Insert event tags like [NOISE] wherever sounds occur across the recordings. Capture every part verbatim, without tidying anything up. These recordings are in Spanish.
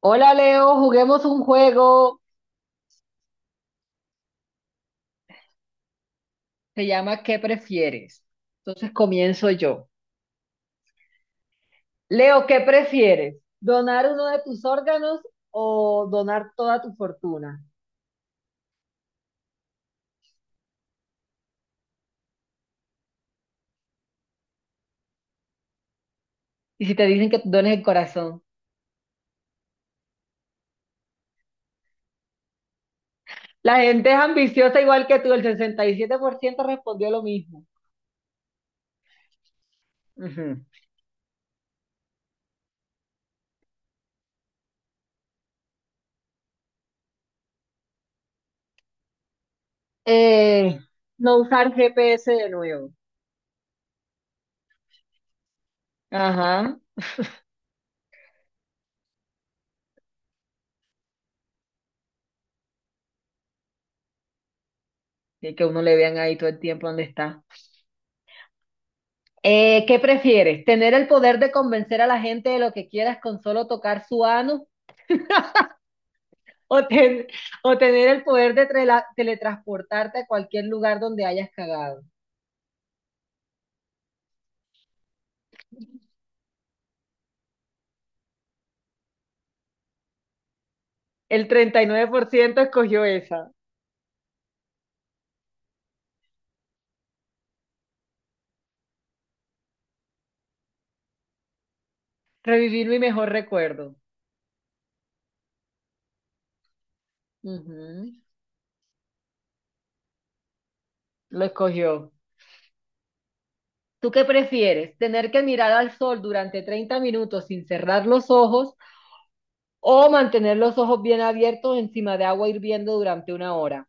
Hola Leo, juguemos un juego. Se llama ¿qué prefieres? Entonces comienzo yo. Leo, ¿qué prefieres? ¿Donar uno de tus órganos o donar toda tu fortuna? Y si te dicen que dones el corazón. La gente es ambiciosa igual que tú, el sesenta y siete por ciento respondió lo mismo. Ujú. Eh, no usar G P S de nuevo. Ajá. Y que uno le vean ahí todo el tiempo dónde está. Eh, ¿qué prefieres? ¿Tener el poder de convencer a la gente de lo que quieras con solo tocar su ano? [LAUGHS] ¿O, ten- ¿O tener el poder de trela- teletransportarte a cualquier lugar donde hayas cagado? El treinta y nueve por ciento escogió esa. Revivir mi mejor recuerdo. Ujú. Lo escogió. ¿Tú qué prefieres? ¿Tener que mirar al sol durante treinta minutos sin cerrar los ojos o mantener los ojos bien abiertos encima de agua hirviendo durante una hora?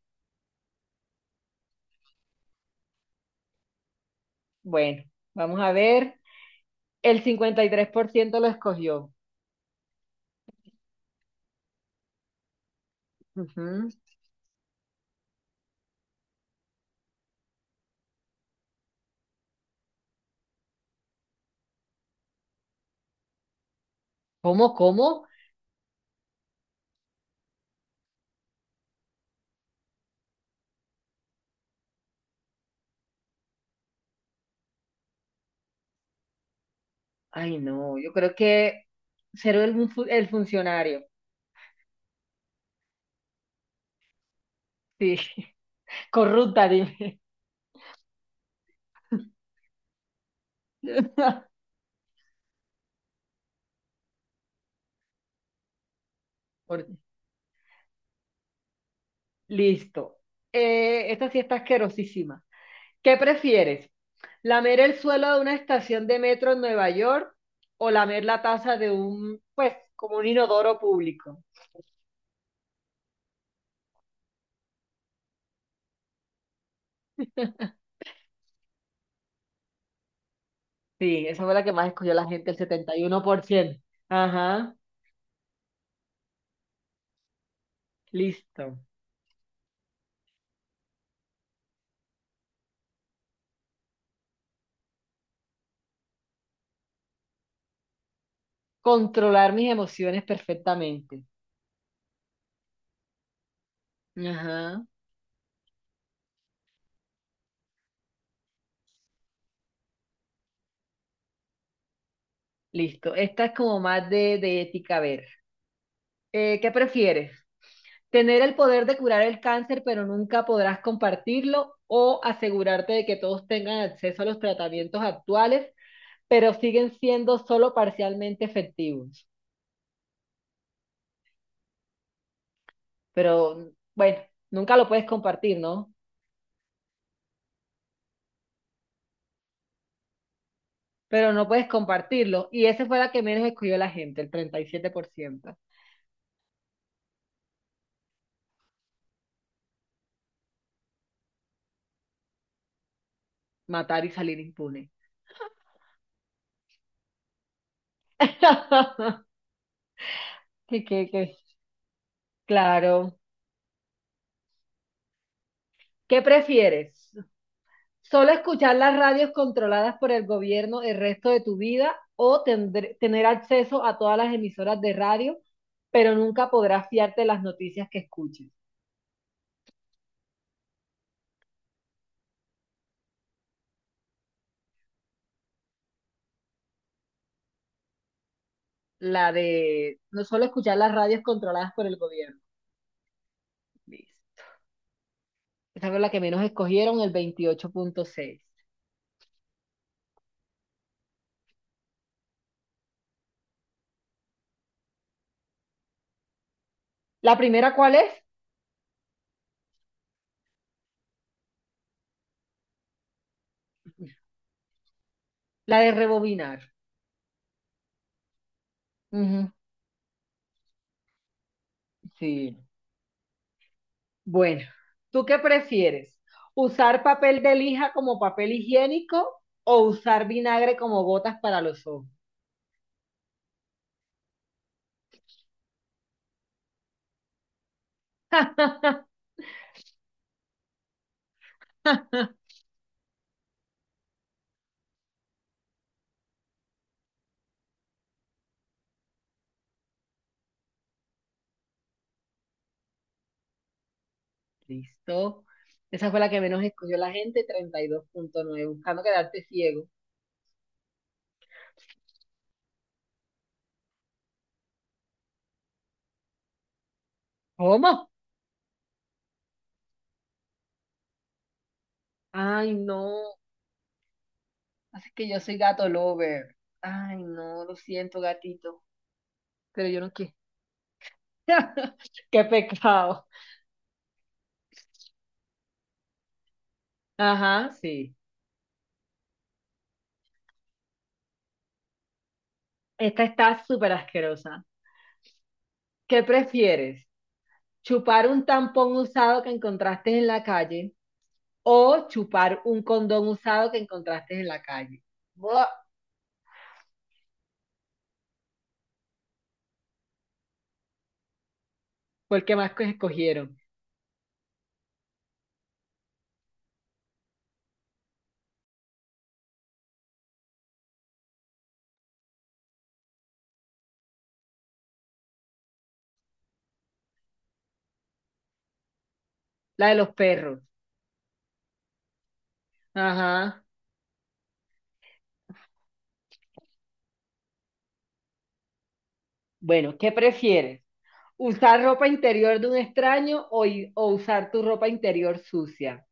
Bueno, vamos a ver. El cincuenta y tres por ciento lo escogió. Ujú. ¿Cómo, cómo? Ay, no, yo creo que ser el, fu- el funcionario. Sí, [LAUGHS] corrupta, dime. [LAUGHS] Por- Listo. Eh, esta sí está asquerosísima. ¿Qué prefieres? ¿Lamer el suelo de una estación de metro en Nueva York o lamer la taza de un, pues, como un inodoro público? Sí, esa fue la que más escogió la gente, el setenta y uno por ciento. Ajá, listo. Controlar mis emociones perfectamente. Ajá. Listo. Esta es como más de, de ética. A ver, eh, ¿qué prefieres? ¿Tener el poder de curar el cáncer, pero nunca podrás compartirlo? ¿O asegurarte de que todos tengan acceso a los tratamientos actuales, pero siguen siendo solo parcialmente efectivos? Pero bueno, nunca lo puedes compartir, ¿no? Pero no puedes compartirlo. Y esa fue la que menos escogió la gente, el treinta y siete por ciento. Matar y salir impune. [LAUGHS] ¿Qué, qué, qué? Claro. ¿Qué prefieres? ¿Solo escuchar las radios controladas por el gobierno el resto de tu vida o tendr- tener acceso a todas las emisoras de radio, pero nunca podrás fiarte de las noticias que escuches? La de no solo escuchar las radios controladas por el gobierno. Liz. Esa fue la que menos escogieron, el veintiocho coma seis. ¿La primera cuál es? La de rebobinar. Ujú. Sí. Bueno, ¿tú qué prefieres? ¿Usar papel de lija como papel higiénico o usar vinagre como botas para los ojos? Listo. Esa fue la que menos escogió la gente, treinta y dos coma nueve, buscando quedarte ciego. ¿Cómo? Ay, no. Así que yo soy gato lover. Ay, no, lo siento, gatito. Pero yo no quiero. [LAUGHS] Qué pecado. Ajá, sí. Esta está súper asquerosa. ¿Qué prefieres? Chupar un tampón usado que encontraste en la calle o chupar un condón usado que encontraste en la calle. Buah. ¿Por qué más que escogieron? La de los perros. Ajá. Bueno, ¿qué prefieres? ¿Usar ropa interior de un extraño o, i- o usar tu ropa interior sucia?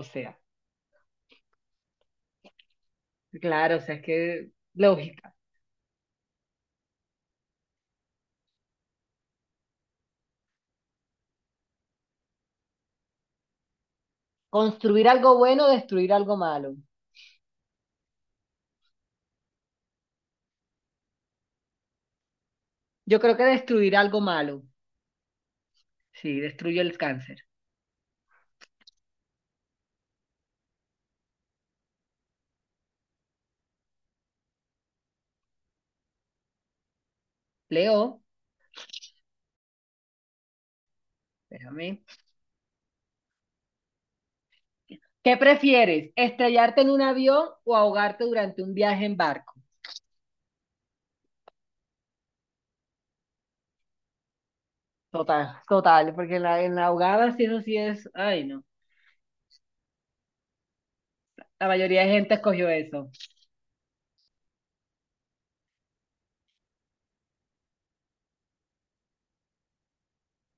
O sea, claro, o sea, es que lógica. ¿Construir algo bueno o destruir algo malo? Yo creo que destruir algo malo. Sí, destruye el cáncer. Leo, espérame. ¿Qué prefieres? ¿Estrellarte en un avión o ahogarte durante un viaje en barco? Total, total, porque en la, en la ahogada sí, eso sí es, ay no, la mayoría de gente escogió eso.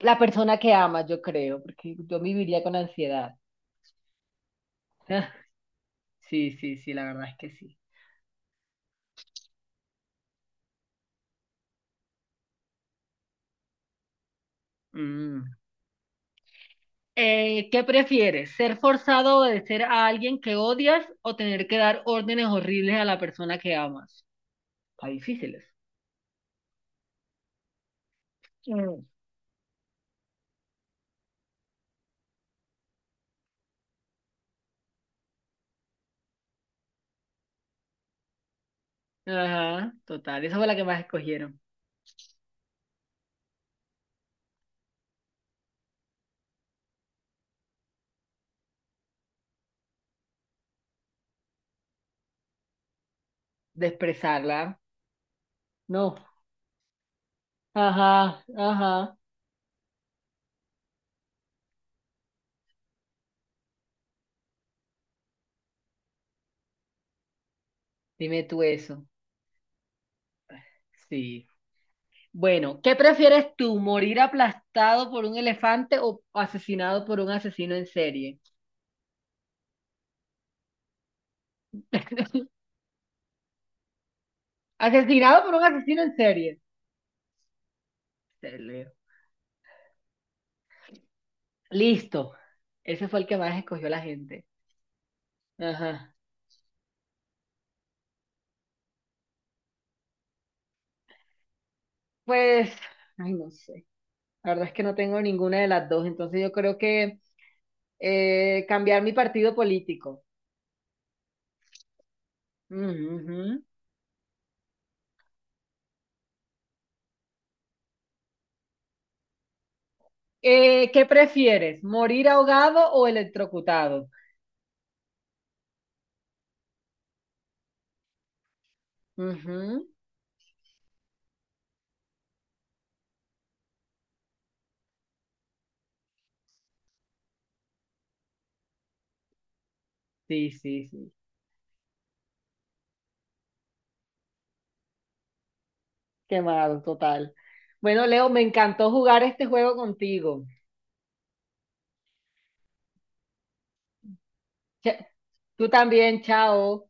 La persona que ama, yo creo, porque yo viviría con ansiedad. [LAUGHS] Sí, sí, sí, la verdad es que sí. Mm. Eh, ¿qué prefieres? ¿Ser forzado a obedecer a alguien que odias o tener que dar órdenes horribles a la persona que amas? Está difíciles. Mm. Ajá, total, esa fue la que más escogieron. Desprezarla. No, ajá, ajá. Dime tú eso. Sí. Bueno, ¿qué prefieres tú, morir aplastado por un elefante o asesinado por un asesino en serie? Asesinado por un asesino en serie. Te leo. Listo. Ese fue el que más escogió la gente. Ajá. Pues, ay, no sé. La verdad es que no tengo ninguna de las dos, entonces yo creo que eh, cambiar mi partido político. Ujú. Ujú. Eh, ¿qué prefieres, morir ahogado o electrocutado? Ujú. Sí, sí, sí. Quemado, total. Bueno, Leo, me encantó jugar este juego contigo. Cha- Tú también, chao.